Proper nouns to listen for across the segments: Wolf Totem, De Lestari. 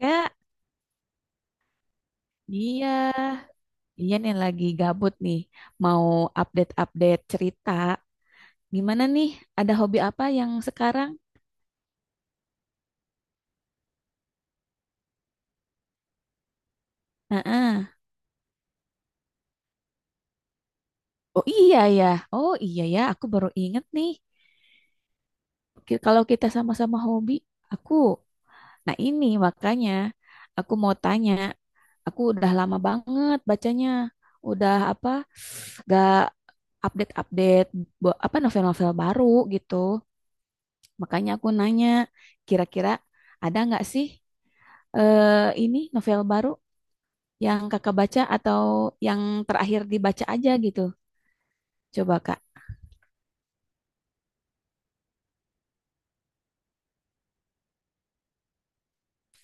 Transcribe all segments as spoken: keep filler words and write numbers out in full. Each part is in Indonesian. Kak, iya, iya nih lagi gabut nih, mau update-update cerita. Gimana nih, ada hobi apa yang sekarang? Heeh. Oh iya ya, oh iya ya, aku baru inget nih. Ki- Kalau kita sama-sama hobi, aku, nah ini makanya aku mau tanya, aku udah lama banget bacanya, udah apa, gak update-update bu- apa novel-novel baru gitu. Makanya aku nanya, kira-kira ada nggak sih eh, ini novel baru yang kakak baca atau yang terakhir dibaca aja gitu? Coba kak,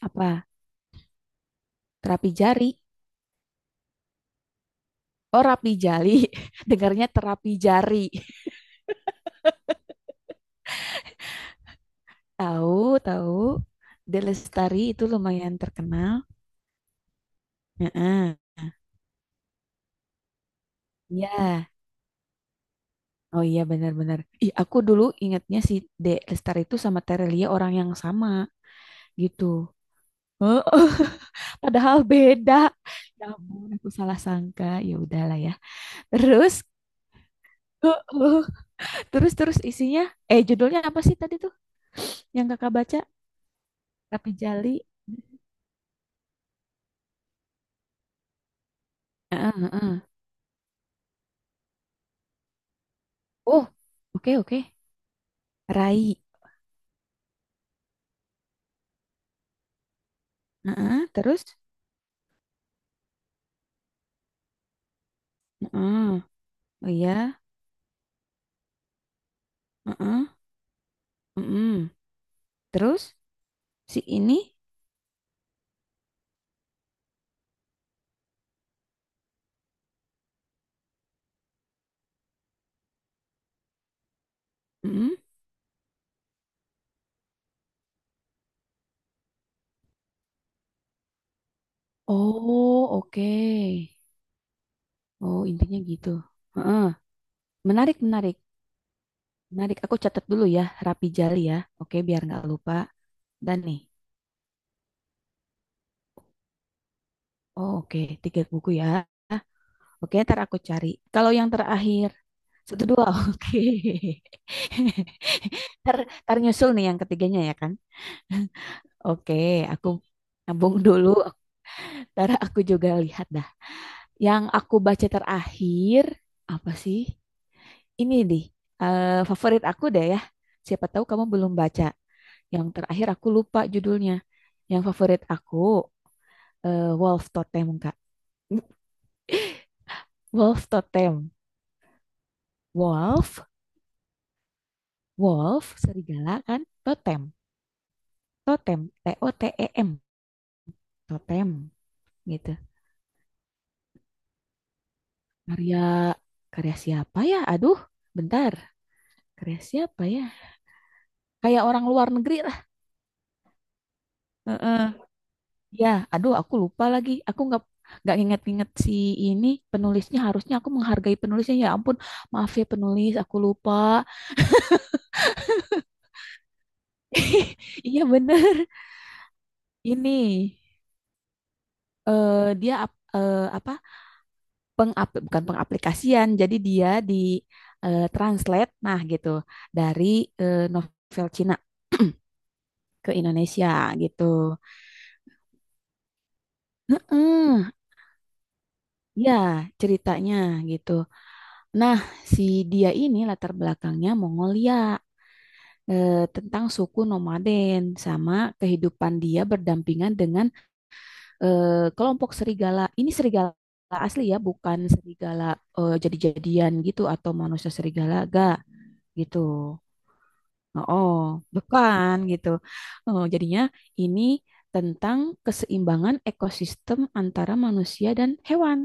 apa? Terapi jari. Oh, rapi jali. Dengarnya terapi jari. Tahu, tahu. De Lestari itu lumayan terkenal. Heeh. Iya. Oh iya benar-benar. Ih, aku dulu ingatnya si De Lestari itu sama Terelia orang yang sama gitu. Heeh. Padahal beda. Ya ampun, aku salah sangka. Ya udahlah ya. Terus, heeh. terus terus isinya, eh judulnya apa sih tadi tuh yang kakak baca? Tapi Jali. Heeh, heeh. Oh, oke, oke. Rai. Heeh, terus, heeh. Oh iya, heeh, heeh. Terus si ini, heeh. Oh, oke. Oh, intinya gitu. Heeh. Menarik, menarik. Menarik, aku catat dulu ya, Rapi Jali ya. Oke, biar nggak lupa. Dan nih, oh, oke, tiga buku ya. Oke, ntar aku cari. Kalau yang terakhir, satu dua, oke. Ntar, ntar nyusul nih yang ketiganya ya kan? Oke, aku nabung dulu. Ntar aku juga lihat dah. Yang aku baca terakhir, apa sih? Ini nih, eh, favorit aku deh ya. Siapa tahu kamu belum baca. Yang terakhir aku lupa judulnya. Yang favorit aku eh, wolf totem kak, wolf totem, wolf wolf serigala kan, totem, totem T O T E M totem gitu. Karya karya siapa ya, aduh, bentar. Karya siapa ya, kayak orang luar negeri lah. Heeh. Ya, aduh, aku lupa lagi, aku nggak nggak inget-inget si ini penulisnya. Harusnya aku menghargai penulisnya, ya ampun. Maaf ya penulis, aku lupa. Iya, bener. Ini eh dia ap- eh, apa, pengap bukan, pengaplikasian. Jadi dia di eh, translate nah gitu dari eh, novel Cina ke Indonesia gitu. Heeh, ya ceritanya gitu. Nah, si dia ini latar belakangnya Mongolia, eh, tentang suku nomaden sama kehidupan dia berdampingan dengan eh, kelompok serigala. Ini serigala asli ya, bukan serigala eh, jadi-jadian gitu atau manusia serigala, gak gitu. Oh, bukan gitu. Oh, jadinya ini tentang keseimbangan ekosistem antara manusia dan hewan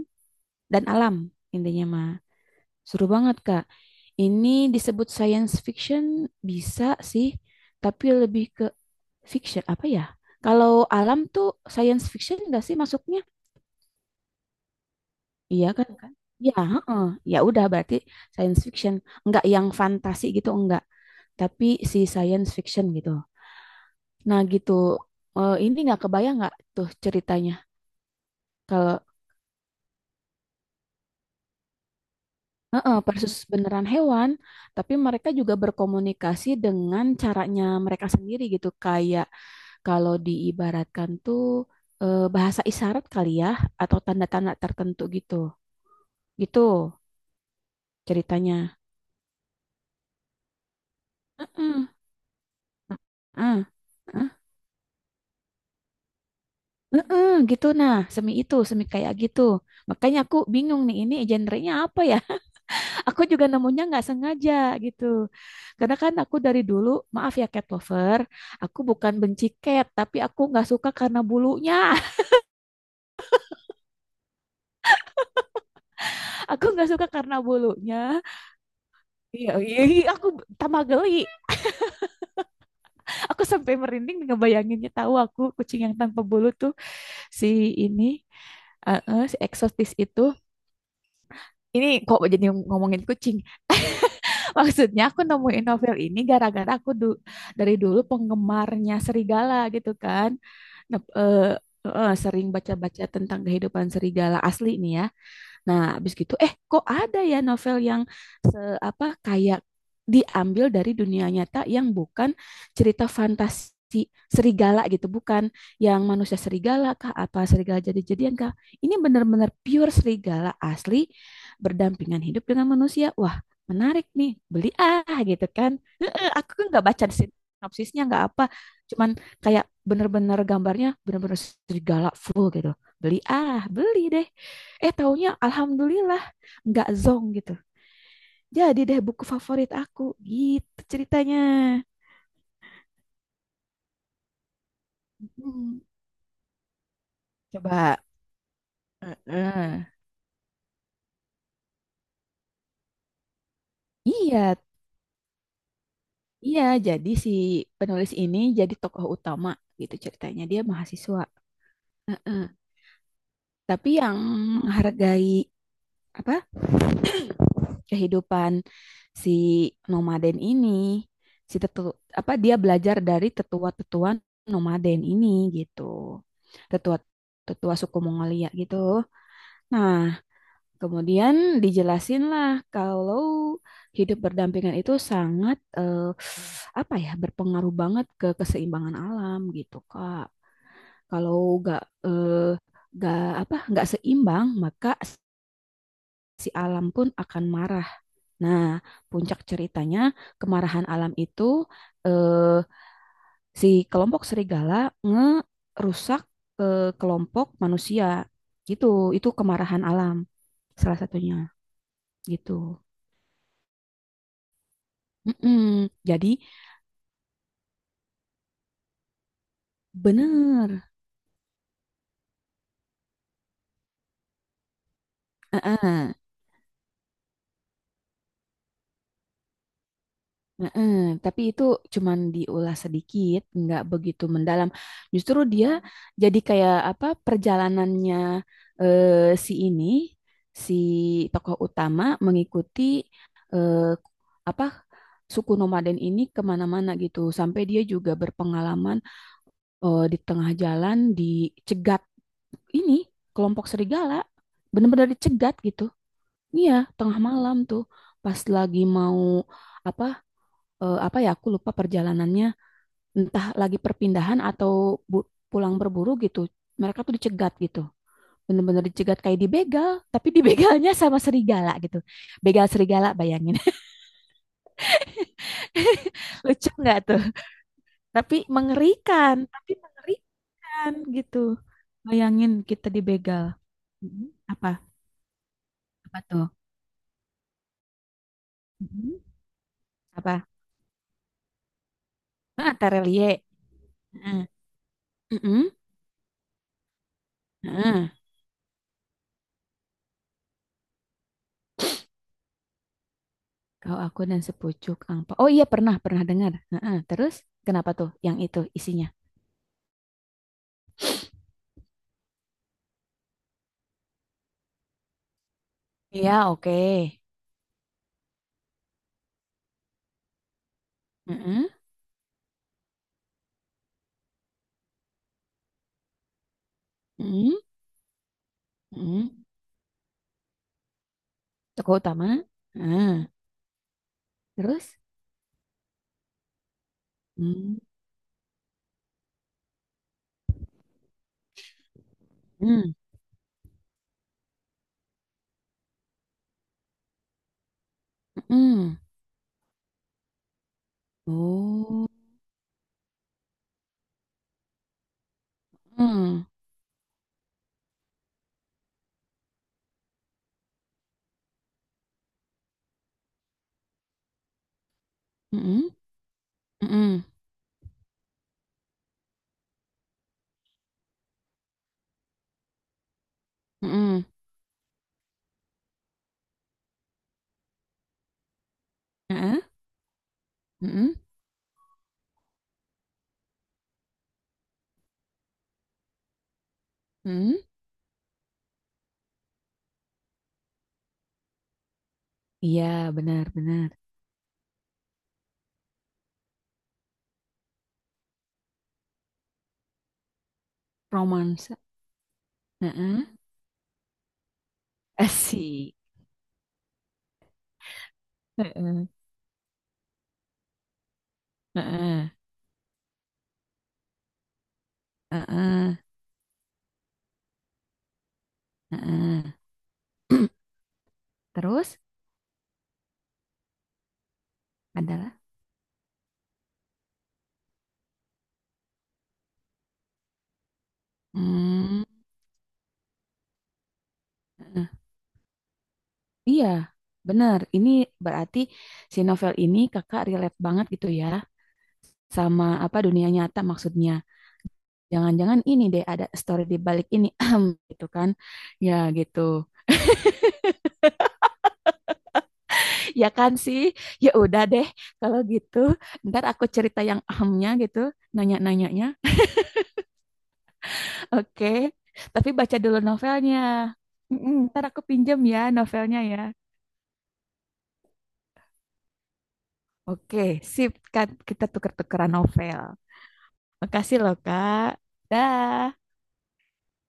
dan alam, intinya mah. Seru banget, Kak. Ini disebut science fiction bisa sih, tapi lebih ke fiction apa ya? Kalau alam tuh science fiction enggak sih masuknya? Iya kan? Kan? Ya, heeh. Ya udah berarti science fiction, enggak yang fantasi gitu enggak, tapi si science fiction gitu. Nah gitu. Eh, ini nggak kebayang nggak tuh ceritanya kalau. Heeh, persis beneran hewan, tapi mereka juga berkomunikasi dengan caranya mereka sendiri gitu, kayak kalau diibaratkan tuh eh, bahasa isyarat kali ya, atau tanda-tanda tertentu gitu, gitu ceritanya. Heeh. Heeh, heeh, heeh, gitu nah, semi itu, semi kayak gitu. Makanya aku bingung nih, ini genre-nya apa ya? Aku juga nemunya nggak sengaja gitu. Karena kan aku dari dulu, maaf ya cat lover, aku bukan benci cat, tapi aku nggak suka karena bulunya. Aku nggak suka karena bulunya. Iya, iya, iya, aku tambah geli. Aku sampai merinding ngebayanginnya. Tahu aku kucing yang tanpa bulu tuh si ini, eh, eh, si eksotis itu. Ini kok jadi ngomongin kucing. Maksudnya aku nemuin novel ini gara-gara aku du- dari dulu penggemarnya serigala gitu kan. Nah, eh, eh, sering baca-baca tentang kehidupan serigala asli nih ya. Nah, habis gitu eh kok ada ya novel yang se apa kayak diambil dari dunia nyata yang bukan cerita fantasi serigala gitu, bukan yang manusia serigala kah apa serigala jadi-jadian kah. Ini benar-benar pure serigala asli berdampingan hidup dengan manusia. Wah, menarik nih. Beli ah gitu kan. Heeh, aku kan nggak baca sinopsisnya nggak apa. Cuman kayak bener-bener gambarnya bener-bener serigala full gitu. Beli ah, beli deh. Eh taunya alhamdulillah nggak zong gitu. Jadi deh buku favorit aku gitu ceritanya. Hmm, coba. Heeh. Iya, iya. Jadi si penulis ini jadi tokoh utama gitu ceritanya. Dia mahasiswa. Heeh. Tapi yang menghargai apa kehidupan si nomaden ini, si tetu apa dia belajar dari tetua-tetua nomaden ini gitu. Tetua tetua suku Mongolia gitu. Nah, kemudian dijelasinlah kalau hidup berdampingan itu sangat eh, apa ya berpengaruh banget ke keseimbangan alam gitu, Kak. Kalau nggak eh, nggak apa nggak seimbang maka si alam pun akan marah. Nah, puncak ceritanya kemarahan alam itu eh, si kelompok serigala ngerusak ke kelompok manusia gitu. Itu kemarahan alam salah satunya gitu. Mm-mm. Jadi bener. Heeh, heeh. Tapi itu cuman diulas sedikit, nggak begitu mendalam. Justru dia jadi kayak apa perjalanannya eh, si ini, si tokoh utama mengikuti eh, apa suku nomaden ini kemana-mana gitu. Sampai dia juga berpengalaman eh, di tengah jalan dicegat ini kelompok serigala, bener-bener dicegat gitu. Iya, tengah malam tuh pas lagi mau apa eh, apa ya aku lupa perjalanannya, entah lagi perpindahan atau bu- pulang berburu gitu. Mereka tuh dicegat gitu. Bener-bener dicegat kayak dibegal, tapi dibegalnya sama serigala gitu. Begal serigala bayangin. Lucu nggak tuh? Tapi mengerikan, tapi mengerikan gitu. Bayangin kita dibegal. Mhm. Apa? Apa tuh? Mhm. Apa? Ah, terelie. Heeh. Heeh. Heeh. Kau aku dan sepucuk angpau. Oh iya, pernah, pernah dengar. Heeh, terus kenapa tuh yang itu isinya? Iya, oke. Heeh, heeh, heeh. Tokoh utama. Heeh, terus? Hmm, hmm, hmm. Oh. Hmm, hmm, hmm, hmm. Heeh, heeh, heeh. Iya, benar-benar. Romansa. Heeh. Asik. Heeh, heeh, heeh, heeh. Terus adalah. Hmm. Heeh. Iya, benar. Ini berarti si novel ini kakak relate banget gitu ya, sama apa dunia nyata maksudnya. Jangan-jangan ini deh ada story di balik ini gitu kan. Ya gitu. Ya kan sih. Ya udah deh kalau gitu. Ntar aku cerita yang ahamnya gitu, nanya-nanyanya. Oke. Tapi baca dulu novelnya. Mm-mm, ntar aku pinjam ya novelnya ya. Oke, sip. Kan kita tuker-tukeran novel. Makasih loh, Kak. Dah.